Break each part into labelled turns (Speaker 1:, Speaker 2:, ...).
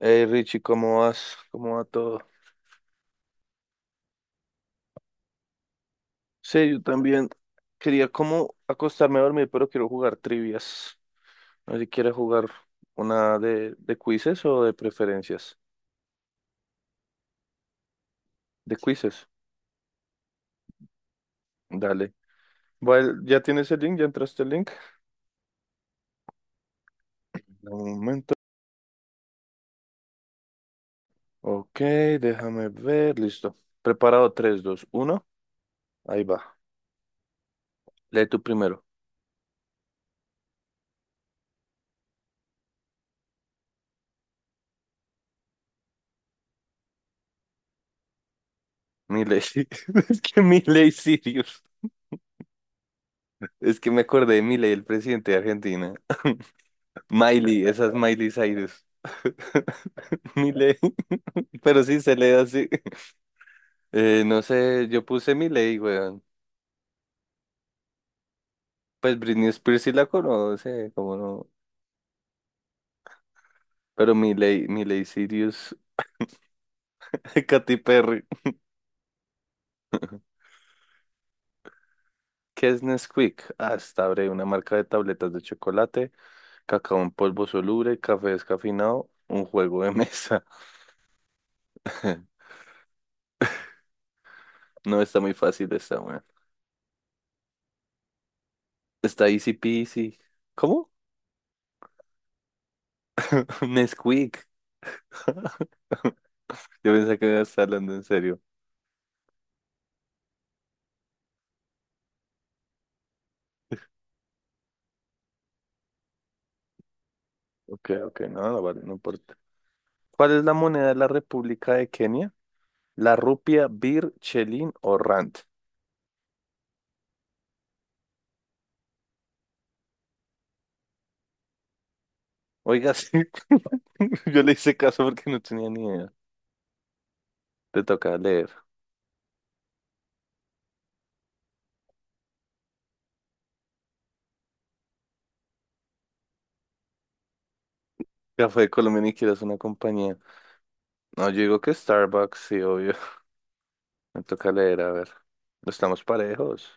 Speaker 1: Hey Richie, ¿cómo vas? ¿Cómo va todo? Sí, yo también quería como acostarme a dormir, pero quiero jugar trivias. No sé si quieres jugar una de quizzes o de preferencias. De quizzes, dale. Bueno, ¿ya tienes el link? ¿Ya entraste el link? Dame un momento. Ok, déjame ver. Listo. Preparado tres, dos, uno. Ahí va. Lee tú primero. Milei. Es que Milei Sirius. Es que me acordé de Milei, el presidente de Argentina. Miley, esa es Miley Cyrus. Miley, pero sí se lee así. No sé, yo puse Miley, weón. Pues Britney Spears sí la conoce, cómo no. Pero Miley, Miley Cyrus, Katy Perry. ¿Qué es Nesquik? Ah, está breve, una marca de tabletas de chocolate, cacao en polvo soluble, café descafeinado, un juego de mesa. No, está muy fácil esta, weón. Está easy peasy. ¿Cómo? Nesquik. Yo pensé que me estar hablando en serio. Ok, ok, no, no, vale, no importa. ¿Cuál es la moneda de la República de Kenia? ¿La rupia, bir, chelín o rand? Oiga, sí. Yo le hice caso porque no tenía ni idea. Te toca leer. Café de Colombia ni quieres una compañía. No, yo digo que Starbucks, sí, obvio. Me toca leer, a ver. Estamos parejos.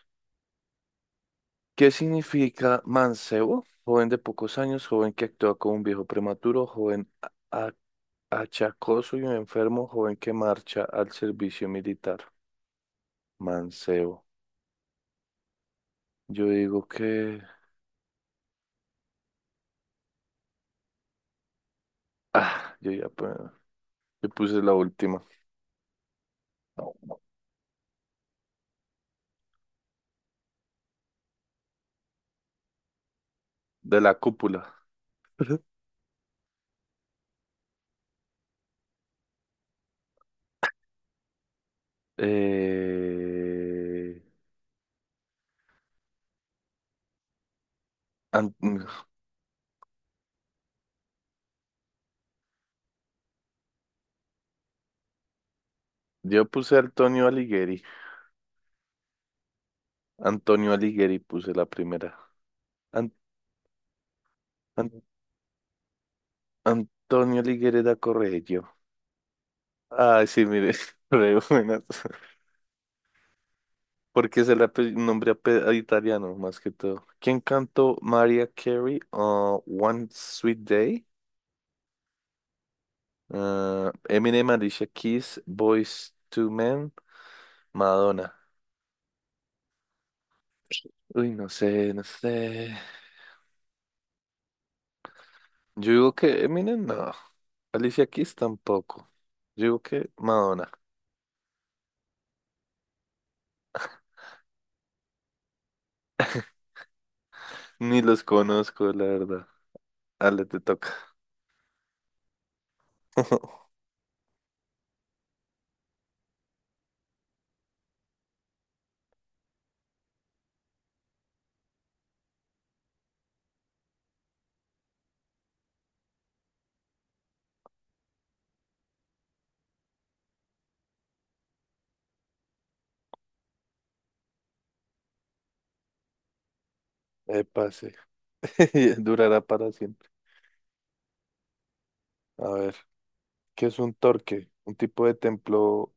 Speaker 1: ¿Qué significa mancebo? Joven de pocos años, joven que actúa como un viejo prematuro, joven achacoso y un enfermo joven que marcha al servicio militar. Mancebo. Yo digo que... Ah, yo puse la última. No, no, de la cúpula. Eh, An- Yo puse Antonio Alighieri. Antonio Alighieri puse la primera. An- An- Antonio Alighieri da Correggio. Ay, sí, mire, re buenas. Porque es a italiano, más que todo. ¿Quién cantó Mariah Carey? One Sweet Day. Eminem, Alicia Keys, Boyz Two Men, Madonna. Uy, no sé, no sé. Yo digo que Eminem, no. Alicia Keys tampoco. Yo digo que Madonna. Ni los conozco, la verdad. Ale, te toca. Pase. Durará para siempre. A ver, ¿qué es un torque? Un tipo de templo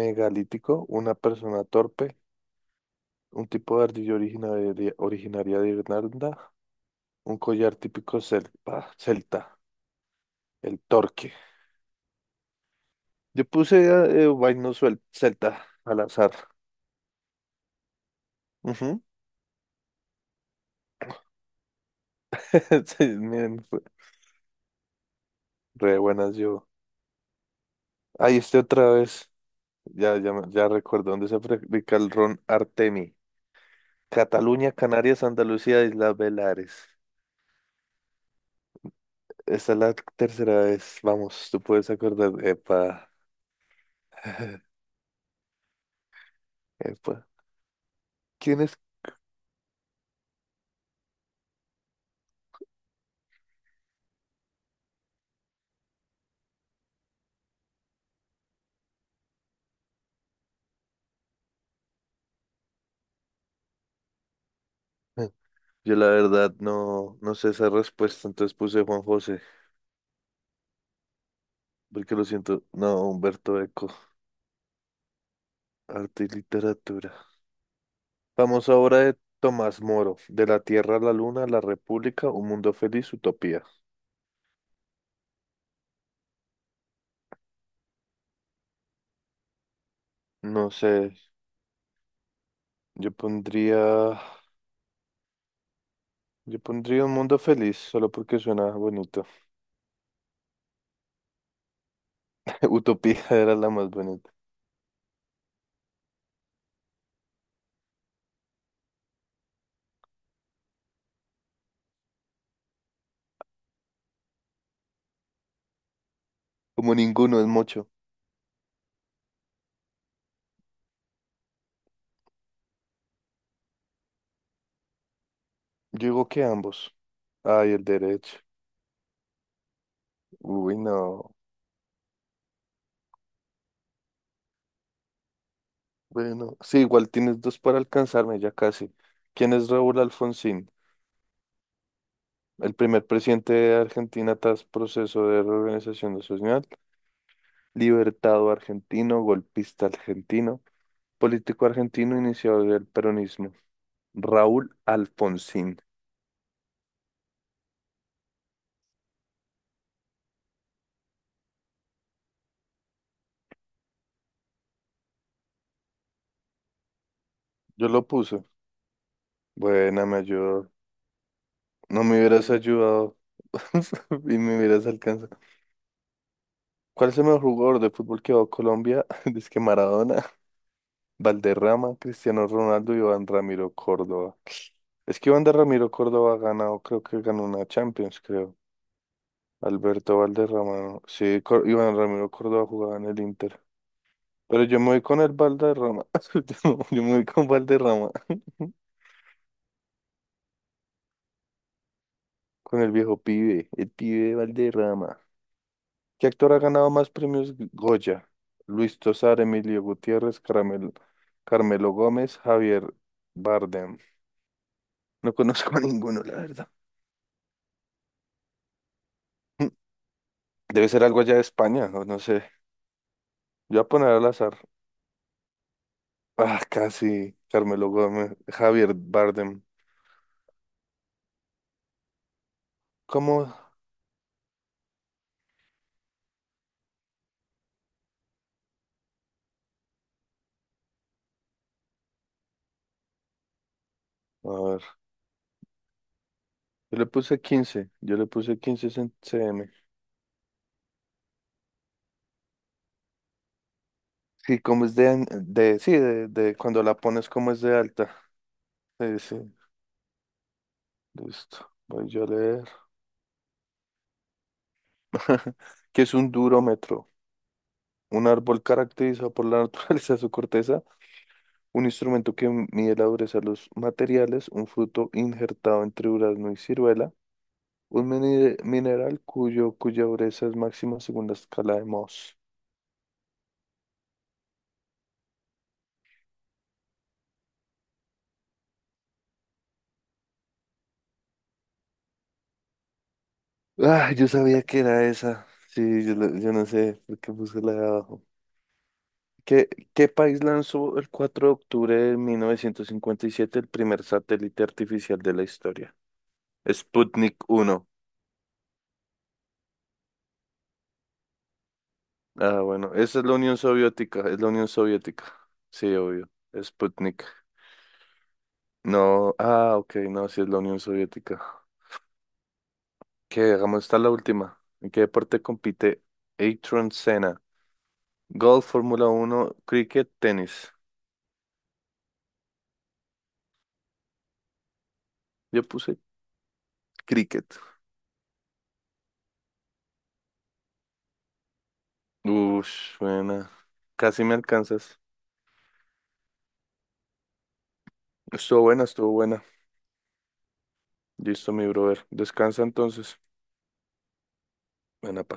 Speaker 1: megalítico, una persona torpe, un tipo de ardilla originaria de Irlanda, un collar típico celta, celta, el torque. Yo puse celta al azar. Ujú. Sí, miren, fue re buenas yo. Ahí estoy otra vez. Ya, ya, ya recuerdo dónde se fabrica el ron Artemi. Cataluña, Canarias, Andalucía, Islas Baleares. Esta es la tercera vez. Vamos, tú puedes acordar. Epa. Epa. ¿Quién...? Ah, yo la verdad no sé esa respuesta, entonces puse Juan José, porque lo siento. No, Humberto Eco, arte y literatura. Vamos ahora de Tomás Moro, De la Tierra a la Luna, La República, Un Mundo Feliz, Utopía. No sé, yo pondría, yo pondría Un Mundo Feliz, solo porque suena bonito. Utopía era la más bonita. Como ninguno es mucho. Yo digo que ambos. Ay, el derecho. Uy, no. Bueno, sí, igual tienes dos para alcanzarme, ya casi. ¿Quién es Raúl Alfonsín? El primer presidente de Argentina tras proceso de reorganización nacional, libertado argentino, golpista argentino, político argentino, iniciador del peronismo. Raúl Alfonsín. Yo lo puse. Buena, me ayudó. No me hubieras ayudado y me hubieras alcanzado. ¿Cuál es el mejor jugador de fútbol que va a Colombia? Dice que Maradona. Valderrama, Cristiano Ronaldo y Iván Ramiro Córdoba. Es que Iván de Ramiro Córdoba ha ganado, creo que ganó una Champions, creo. Alberto Valderrama, no. Sí, Iván Ramiro Córdoba jugaba en el Inter. Pero yo me voy con el Valderrama. Yo no, yo me voy con Valderrama. Con el viejo pibe, el pibe de Valderrama. ¿Qué actor ha ganado más premios Goya? Luis Tosar, Emilio Gutiérrez, Carmelo Gómez, Javier Bardem. No conozco a ninguno, la verdad. Debe ser algo allá de España, o no sé. Yo voy a poner al azar. Ah, casi. Carmelo Gómez, Javier Bardem. ¿Cómo? A ver, yo le puse 15. Yo le puse 15 cm. Sí, como es de, de sí, de cuando la pones como es de alta. Sí, sí, listo. Voy yo a leer. ¿Qué es un durómetro? Un árbol caracterizado por la naturaleza de su corteza, un instrumento que mide la dureza de los materiales, un fruto injertado entre durazno y ciruela, un mineral cuya dureza es máxima según la escala de Mohs. Ah, yo sabía que era esa. Sí, yo no sé por qué puse la de abajo. ¿Qué, qué país lanzó el 4 de octubre de 1957 el primer satélite artificial de la historia? Sputnik 1. Ah, bueno, esa es la Unión Soviética, es la Unión Soviética. Sí, obvio. Sputnik. No, ok, no, sí es la Unión Soviética. Que hagamos esta la última. ¿En qué deporte compite Ayrton Senna? Golf, Fórmula 1, cricket, tenis. Yo puse cricket. Ush, buena. Casi me alcanzas. Estuvo buena, estuvo buena. Listo, mi brother. Descansa entonces. Buena, pa.